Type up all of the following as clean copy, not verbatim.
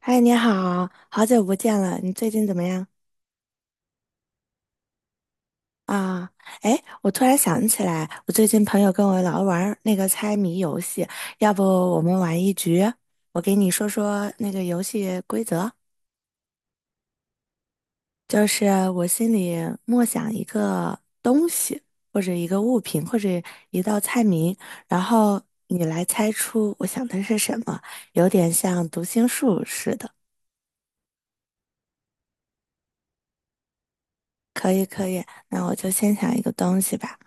嗨，你好，好久不见了，你最近怎么样啊？哎，我突然想起来，我最近朋友跟我老玩儿那个猜谜游戏，要不我们玩一局？我给你说说那个游戏规则，就是我心里默想一个东西，或者一个物品，或者一道菜名，然后你来猜出我想的是什么，有点像读心术似的。可以可以，那我就先想一个东西吧。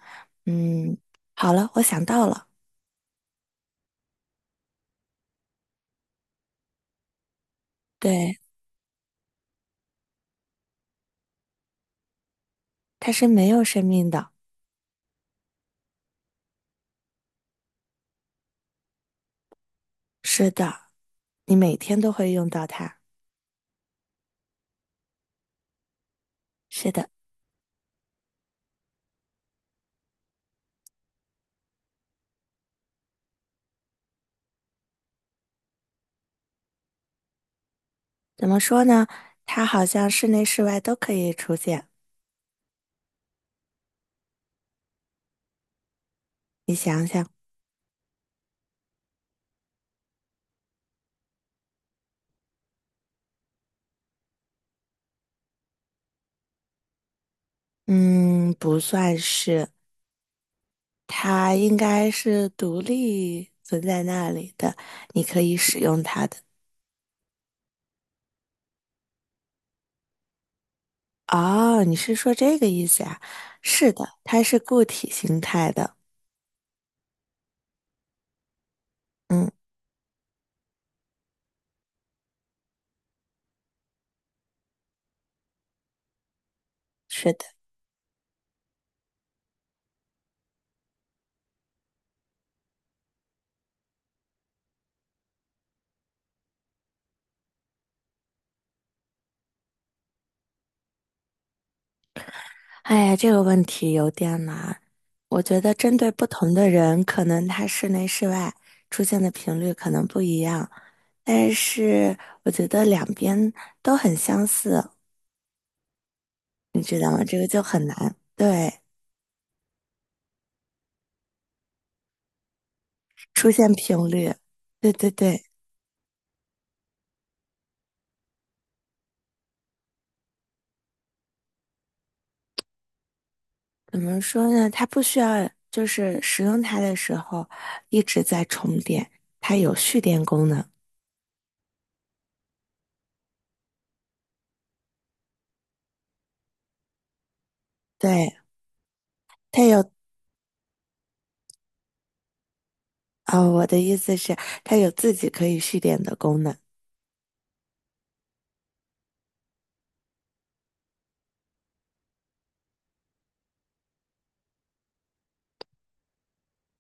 嗯，好了，我想到了，对，它是没有生命的。是的，你每天都会用到它。是的，怎么说呢？它好像室内室外都可以出现。你想想，嗯，不算是，它应该是独立存在那里的，你可以使用它的。哦，你是说这个意思啊？是的，它是固体形态的。嗯，是的。哎呀，这个问题有点难。我觉得针对不同的人，可能他室内室外出现的频率可能不一样，但是我觉得两边都很相似，你知道吗？这个就很难。对，出现频率，对对对，怎么说呢？它不需要就是使用它的时候一直在充电，它有蓄电功能。对，它有，我的意思是它有自己可以蓄电的功能。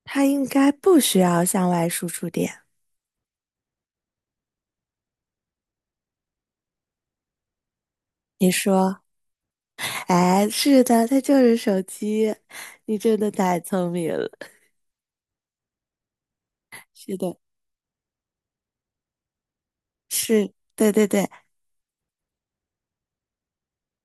它应该不需要向外输出电。你说，哎，是的，它就是手机。你真的太聪明了。是的，是，对对对。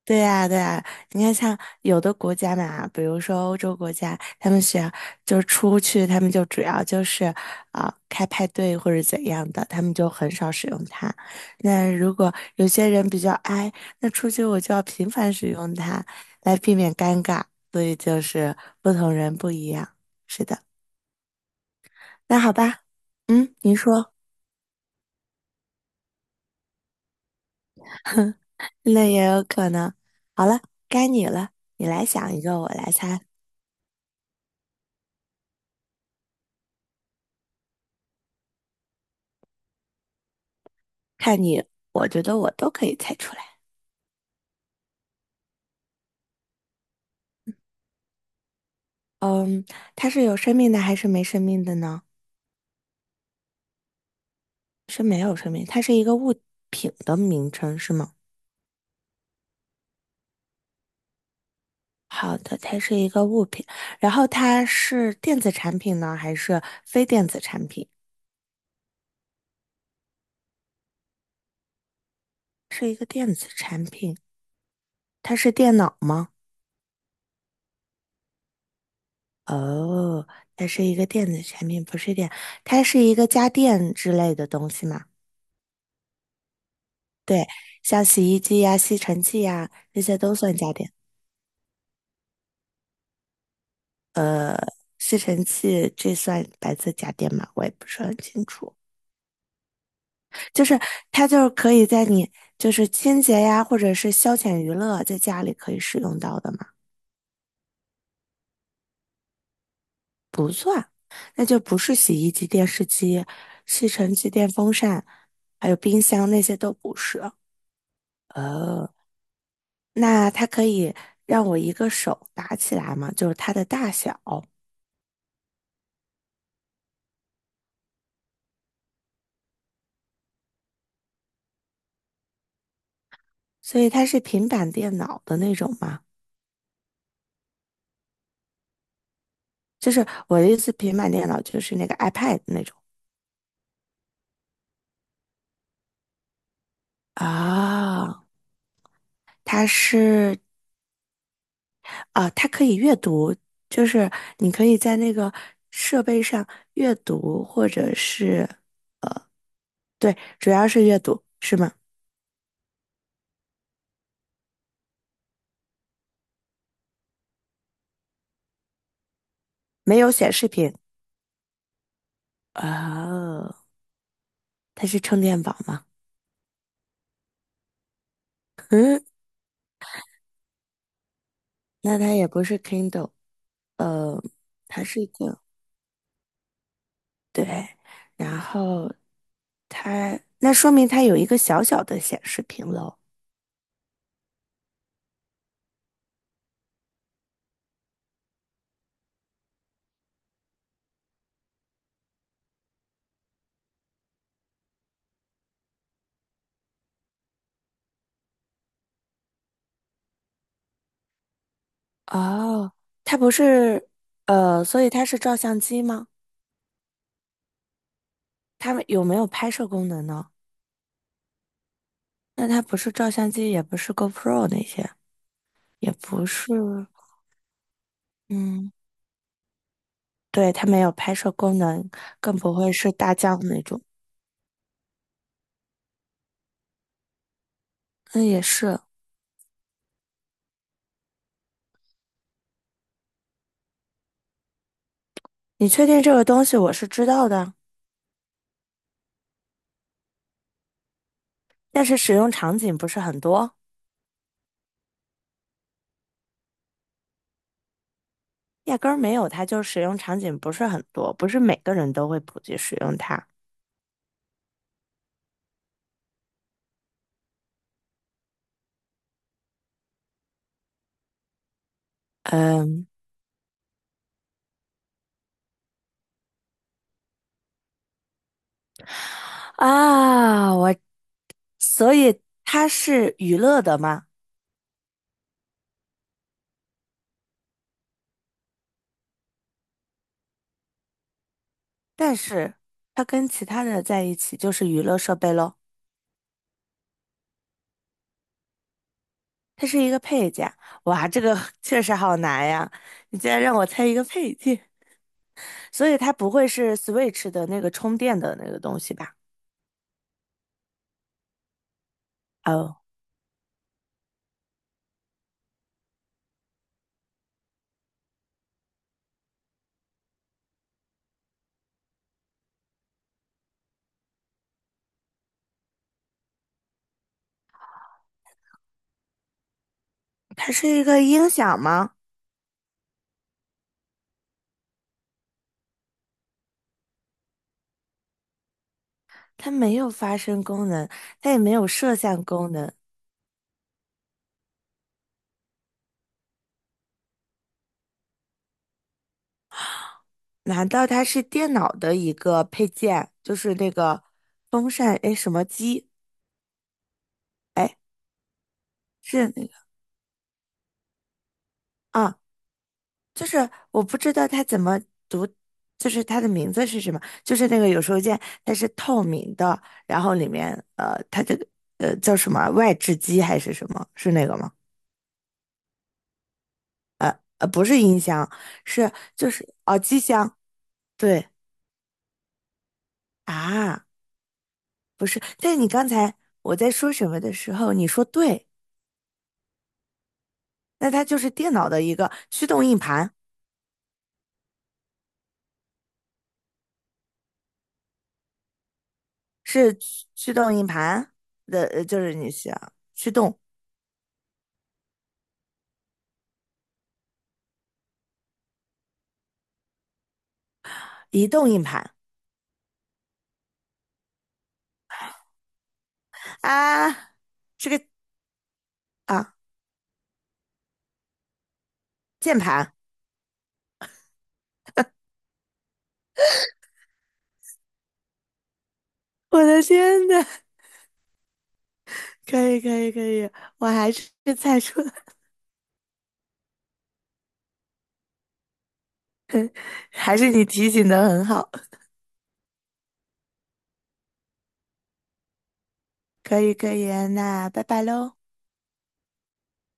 对呀，对呀，你看，像有的国家嘛，比如说欧洲国家，他们学就是出去，他们就主要就是开派对或者怎样的，他们就很少使用它。那如果有些人比较 i，那出去我就要频繁使用它，来避免尴尬。所以就是不同人不一样。是的，那好吧，嗯，您说，那也有可能。好了，该你了，你来想一个，我来猜，看你，我觉得我都可以猜出来。嗯，它是有生命的还是没生命的呢？是没有生命，它是一个物品的名称是吗？好的，它是一个物品，然后它是电子产品呢，还是非电子产品？是一个电子产品，它是电脑吗？哦，它是一个电子产品，不是电，它是一个家电之类的东西嘛？对，像洗衣机呀、吸尘器呀，这些都算家电。呃，吸尘器这算白色家电吗？我也不是很清楚。就是它就是可以在你就是清洁呀，或者是消遣娱乐，在家里可以使用到的嘛？不算，那就不是洗衣机、电视机、吸尘机、电风扇，还有冰箱那些都不是。哦，那它可以让我一个手拿起来吗？就是它的大小，所以它是平板电脑的那种吗？就是我的意思，平板电脑就是那个 iPad 那种啊，它是啊，它可以阅读，就是你可以在那个设备上阅读，或者是，对，主要是阅读，是吗？没有显示屏。哦，它是充电宝吗？嗯，那它也不是 Kindle，呃，它是一个，对，然后它，那说明它有一个小小的显示屏喽。哦，它不是，所以它是照相机吗？它有没有拍摄功能呢？那它不是照相机，也不是 GoPro 那些，也不是，嗯，对，它没有拍摄功能，更不会是大疆那种。嗯，也是。你确定这个东西我是知道的，但是使用场景不是很多，压根儿没有它，就是使用场景不是很多，不是每个人都会普及使用它。嗯啊，我所以它是娱乐的嘛，但是它跟其他的在一起就是娱乐设备喽。它是一个配件。哇，这个 确实好难呀！你竟然让我猜一个配件，所以它不会是 Switch 的那个充电的那个东西吧？哦，它是一个音响吗？它没有发声功能，它也没有摄像功能。难道它是电脑的一个配件？就是那个风扇，哎，什么机？哎，是那个。啊。就是我不知道它怎么读，就是它的名字是什么？就是那个有收件，它是透明的，然后里面它这个叫什么啊外置机还是什么？是那个吗？不是音箱，是就是哦机箱，对啊，不是。但是你刚才我在说什么的时候，你说对，那它就是电脑的一个驱动硬盘，是驱动硬盘的，就是你想驱动移动硬盘啊，这个。啊。键盘，我的天呐，可以可以可以，我还是猜出了，还是你提醒的很好，可以可以啊，那拜拜喽。